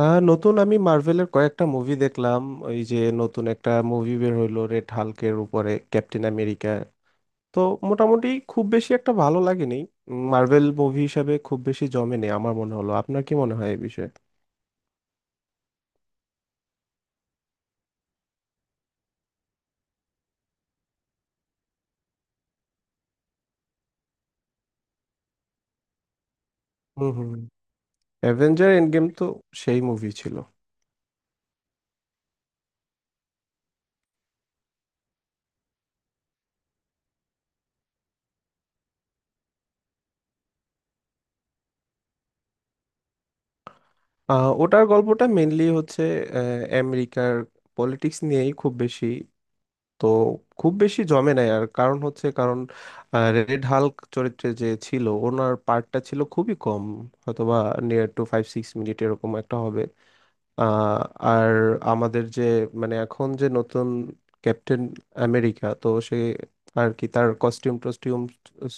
নতুন আমি মার্ভেলের কয়েকটা মুভি দেখলাম। ওই যে নতুন একটা মুভি বের হইলো রেড হাল্কের উপরে, ক্যাপ্টেন আমেরিকা। তো মোটামুটি খুব বেশি একটা ভালো লাগেনি, মার্ভেল মুভি হিসাবে খুব বেশি জমেনি আমার মনে হলো। আপনার কি মনে হয় এই বিষয়ে? হুম হুম। অ্যাভেঞ্জার এন্ড গেম তো সেই মুভি ছিল। ওটার গল্পটা মেনলি হচ্ছে আমেরিকার পলিটিক্স নিয়েই খুব বেশি। তো খুব বেশি জমে নাই আর, কারণ হচ্ছে রেড হাল্ক চরিত্রে যে ছিল ওনার পার্টটা ছিল খুবই কম। হয়তোবা নিয়ার টু 5-6 মিনিট এরকম একটা হবে। আহ, আর আমাদের যে, মানে এখন যে নতুন ক্যাপ্টেন আমেরিকা, তো সে আর কি তার কস্টিউম টস্টিউম,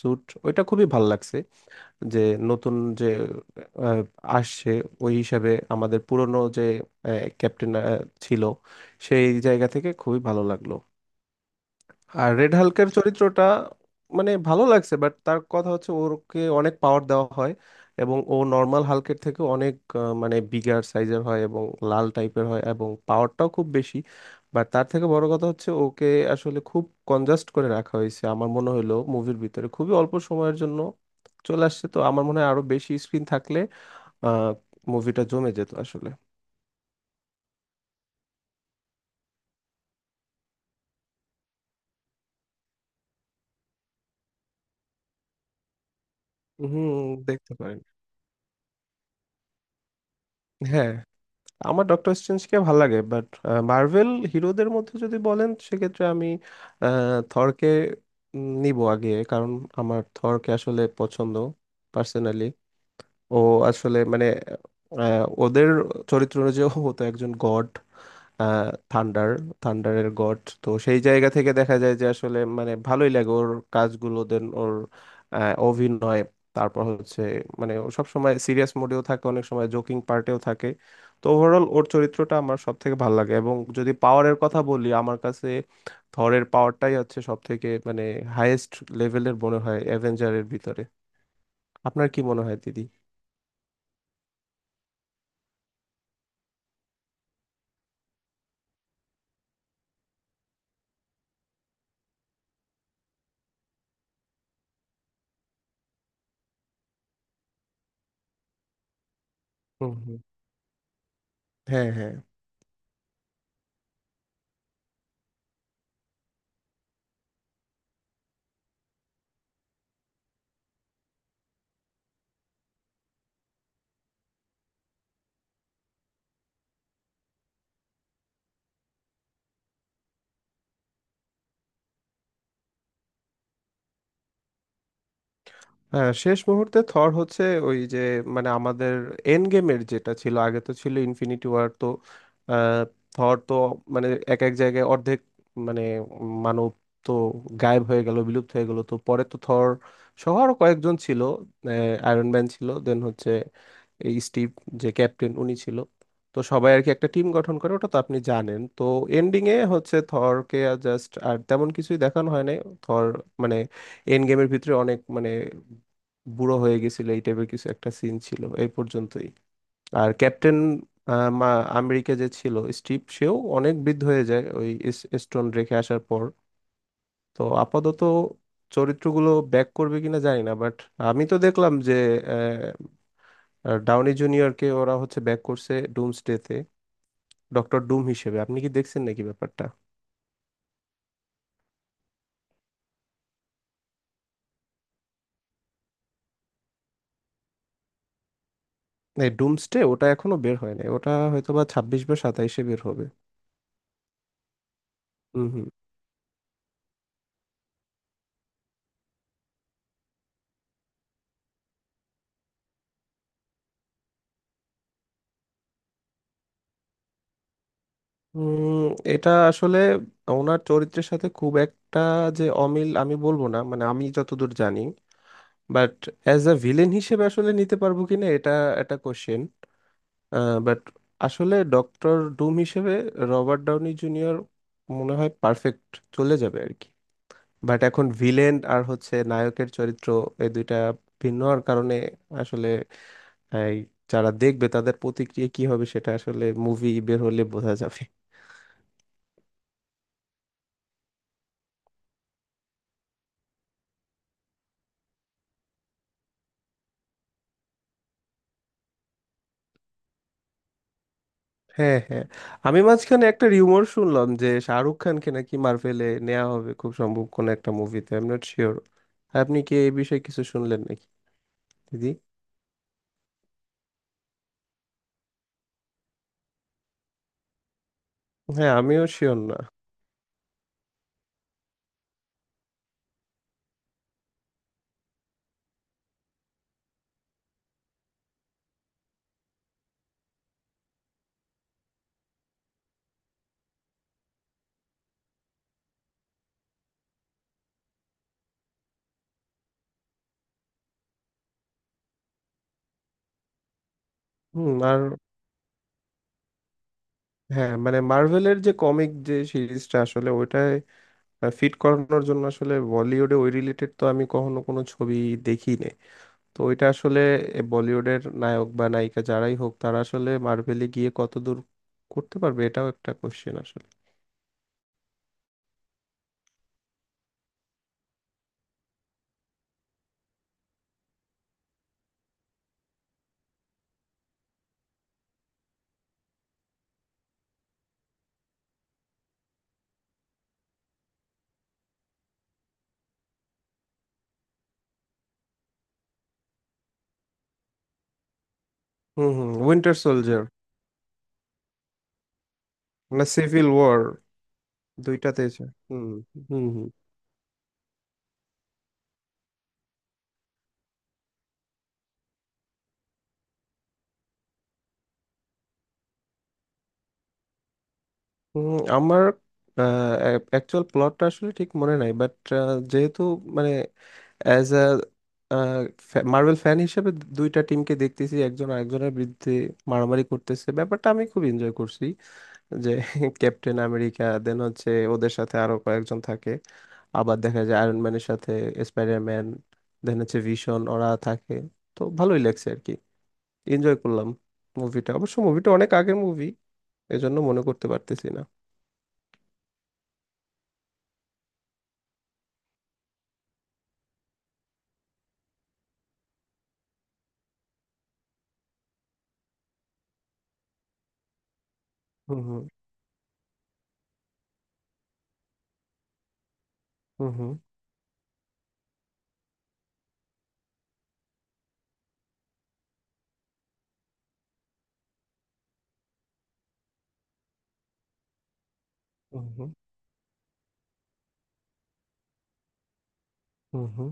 স্যুট, ওইটা খুবই ভাল লাগছে। যে নতুন যে আহ, আসছে, ওই হিসাবে আমাদের পুরনো যে ক্যাপ্টেন ছিল, সেই জায়গা থেকে খুবই ভালো লাগলো। আর রেড হাল্কের চরিত্রটা মানে ভালো লাগছে, বাট তার কথা হচ্ছে ওকে অনেক পাওয়ার দেওয়া হয়, এবং ও নর্মাল হাল্কের থেকে অনেক মানে বিগার সাইজের হয় এবং লাল টাইপের হয় এবং পাওয়ারটাও খুব বেশি। বাট তার থেকে বড় কথা হচ্ছে ওকে আসলে খুব কনজাস্ট করে রাখা হয়েছে আমার মনে হলো, মুভির ভিতরে খুবই অল্প সময়ের জন্য চলে আসছে। তো আমার মনে হয় আরো বেশি স্ক্রিন থাকলে আহ মুভিটা জমে যেত আসলে। হুম, দেখতে পারেন। হ্যাঁ, আমার ডক্টর স্ট্রেঞ্জকে ভালো লাগে, বাট মার্ভেল হিরোদের মধ্যে যদি বলেন সেক্ষেত্রে আমি থরকে নিব আগে। কারণ আমার থরকে আসলে পছন্দ, পার্সোনালি। ও আসলে মানে ওদের চরিত্র অনুযায়ী ও তো একজন গড, থান্ডার, থান্ডারের গড। তো সেই জায়গা থেকে দেখা যায় যে আসলে মানে ভালোই লাগে ওর কাজগুলো, দেন ওর অভিনয়। তারপর হচ্ছে মানে ও সব সময় সিরিয়াস মোডেও থাকে, অনেক সময় জোকিং পার্টেও থাকে। তো ওভারঅল ওর চরিত্রটা আমার সব থেকে ভালো লাগে। এবং যদি পাওয়ারের কথা বলি, আমার কাছে থরের পাওয়ারটাই হচ্ছে সব থেকে মানে হাইয়েস্ট লেভেলের মনে হয় অ্যাভেঞ্জারের ভিতরে। আপনার কি মনে হয় দিদি? হ্যাঁ, হ্যাঁ। হ্যাঁ, শেষ মুহূর্তে থর হচ্ছে ওই যে মানে আমাদের এন্ড গেমের যেটা ছিল, আগে তো ছিল ইনফিনিটি ওয়ার। তো আহ, থর তো মানে এক এক জায়গায় অর্ধেক মানে মানব তো গায়েব হয়ে গেল, বিলুপ্ত হয়ে গেল। তো পরে তো থর সহ আরো কয়েকজন ছিল, আয়রন ম্যান ছিল, দেন হচ্ছে এই স্টিভ যে ক্যাপ্টেন, উনি ছিল। তো সবাই আর কি একটা টিম গঠন করে, ওটা তো আপনি জানেন। তো এন্ডিং এ হচ্ছে থরকে জাস্ট আর তেমন কিছুই দেখানো হয় নাই। থর মানে এন্ড গেমের ভিতরে অনেক মানে বুড়ো হয়ে গেছিল, এই টাইপের কিছু একটা সিন ছিল এই পর্যন্তই। আর ক্যাপ্টেন আমেরিকা যে ছিল স্টিভ, সেও অনেক বৃদ্ধ হয়ে যায় ওই স্টোন রেখে আসার পর। তো আপাতত চরিত্রগুলো ব্যাক করবে কিনা জানি না, বাট আমি তো দেখলাম যে আহ, ডাউনি জুনিয়রকে ওরা হচ্ছে ব্যাক করছে ডুমসডেতে, ডক্টর ডুম হিসেবে। আপনি কি দেখছেন নাকি ব্যাপারটা? এই ডুমসডে ওটা এখনো বের হয়নি, ওটা হয়তো বা 26 বা 27-এ বের হবে। হুম হুম। উম, এটা আসলে ওনার চরিত্রের সাথে খুব একটা যে অমিল আমি বলবো না, মানে আমি যতদূর জানি। বাট অ্যাজ আ ভিলেন হিসেবে আসলে নিতে পারবো কিনা, এটা একটা কোশ্চেন। বাট আসলে ডক্টর ডুম হিসেবে রবার্ট ডাউনি জুনিয়র মনে হয় পারফেক্ট চলে যাবে আর কি। বাট এখন ভিলেন আর হচ্ছে নায়কের চরিত্র, এই দুইটা ভিন্ন হওয়ার কারণে আসলে এই যারা দেখবে তাদের প্রতিক্রিয়া কি হবে সেটা আসলে মুভি বের হলে বোঝা যাবে। হ্যাঁ হ্যাঁ। আমি মাঝখানে একটা রিউমার শুনলাম যে শাহরুখ খানকে নাকি মার্ভেলে নেওয়া হবে, খুব সম্ভব কোনো একটা মুভিতে। I am not sure. আপনি কি এই বিষয়ে কিছু শুনলেন নাকি দিদি? হ্যাঁ, আমিও শিওর না। হুম। আর হ্যাঁ, মানে মার্ভেলের যে কমিক যে সিরিজটা, আসলে ওইটায় ফিট করানোর জন্য আসলে বলিউডে ওই রিলেটেড তো আমি কখনো কোনো ছবি দেখি নাই। তো ওইটা আসলে এ বলিউডের নায়ক বা নায়িকা যারাই হোক, তারা আসলে মার্ভেলে গিয়ে কতদূর করতে পারবে এটাও একটা কোশ্চেন আসলে। হুম হুম। Winter soldier. না, সিভিল ওয়ার। দুইটাতে আছে। হুম হুম হুম। হুম, আমার অ্যাকচুয়াল প্লটটা আসলে ঠিক মনে নাই, বাট যেহেতু মানে অ্যাজ আ মার্বেল ফ্যান হিসেবে দুইটা টিমকে দেখতেছি একজন আরেকজনের বিরুদ্ধে মারামারি করতেছে, ব্যাপারটা আমি খুব এনজয় করছি। যে ক্যাপ্টেন আমেরিকা দেন হচ্ছে ওদের সাথে আরো কয়েকজন থাকে, আবার দেখা যায় আয়রন ম্যানের সাথে স্পাইডারম্যান, দেন হচ্ছে ভিশন, ওরা থাকে। তো ভালোই লাগছে আর কি, এনজয় করলাম। মুভিটা অনেক আগের মুভি, এজন্য মনে করতে পারতেছি না। হুম হুম হুম হুম হুম হুম হুম হুম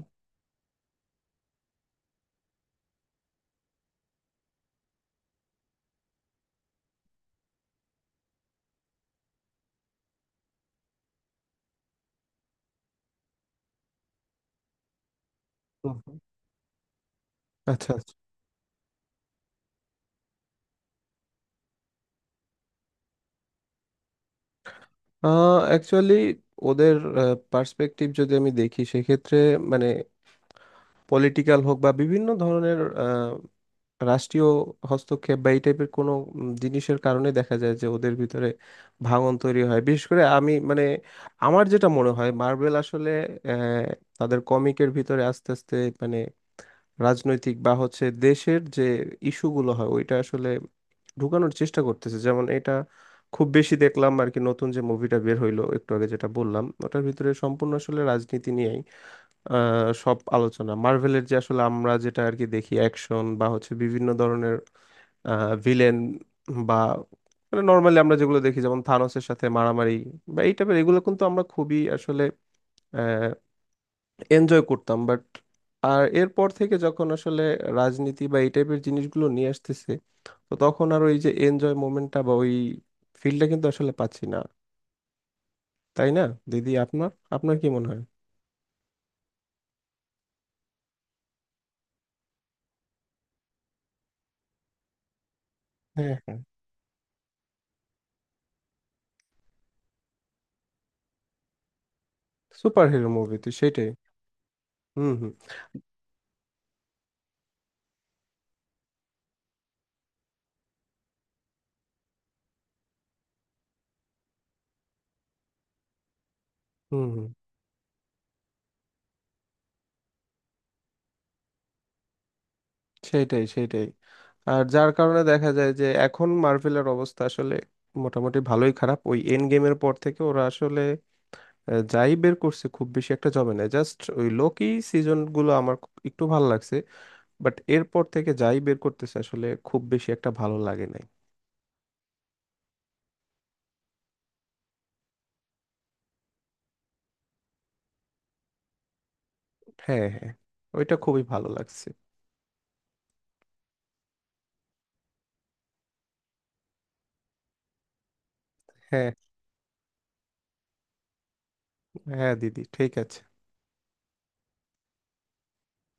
হুম হুম। আচ্ছা আচ্ছা। অ্যাকচুয়ালি ওদের পার্সপেক্টিভ যদি আমি দেখি সেক্ষেত্রে মানে পলিটিক্যাল হোক বা বিভিন্ন ধরনের আহ, রাষ্ট্রীয় হস্তক্ষেপ বা এই টাইপের কোনো জিনিসের কারণে দেখা যায় যে ওদের ভিতরে ভাঙন তৈরি হয়। বিশেষ করে আমি মানে আমার যেটা মনে হয় মার্বেল আসলে আহ, তাদের কমিকের ভিতরে আস্তে আস্তে মানে রাজনৈতিক বা হচ্ছে দেশের যে ইস্যুগুলো হয় ওইটা আসলে ঢুকানোর চেষ্টা করতেছে। যেমন এটা খুব বেশি দেখলাম আর কি, নতুন যে মুভিটা বের হইলো একটু আগে যেটা বললাম, ওটার ভিতরে সম্পূর্ণ আসলে রাজনীতি নিয়েই সব আলোচনা। মার্ভেলের যে আসলে আমরা যেটা আর কি দেখি অ্যাকশন বা হচ্ছে বিভিন্ন ধরনের ভিলেন, বা মানে নর্মালি আমরা যেগুলো দেখি যেমন থানোসের সাথে মারামারি বা এই টাইপের, এগুলো কিন্তু আমরা খুবই আসলে এনজয় করতাম। বাট আর এরপর থেকে যখন আসলে রাজনীতি বা এই টাইপের জিনিসগুলো নিয়ে আসতেছে, তো তখন আর ওই যে এনজয় মোমেন্টটা বা ওই ফিলটা কিন্তু আসলে পাচ্ছি না। তাই না দিদি, আপনার, আপনার কি মনে হয়? হ্যাঁ হ্যাঁ। সুপার হিরো মুভি তো সেটাই। হুম হুম হুম হুম। সেইটাই সেইটাই। আর যার কারণে দেখা যায় যে এখন মার্ভেলের অবস্থা আসলে মোটামুটি ভালোই খারাপ ওই এন্ড গেমের পর থেকে। ওরা আসলে যাই বের করছে খুব বেশি একটা জমে না, জাস্ট ওই লোকি সিজন গুলো আমার একটু ভালো লাগছে। বাট এরপর থেকে যাই বের করতেছে আসলে খুব বেশি একটা ভালো লাগে নাই। হ্যাঁ হ্যাঁ, ওইটা খুবই ভালো লাগছে। হ্যাঁ হ্যাঁ দিদি, ঠিক আছে।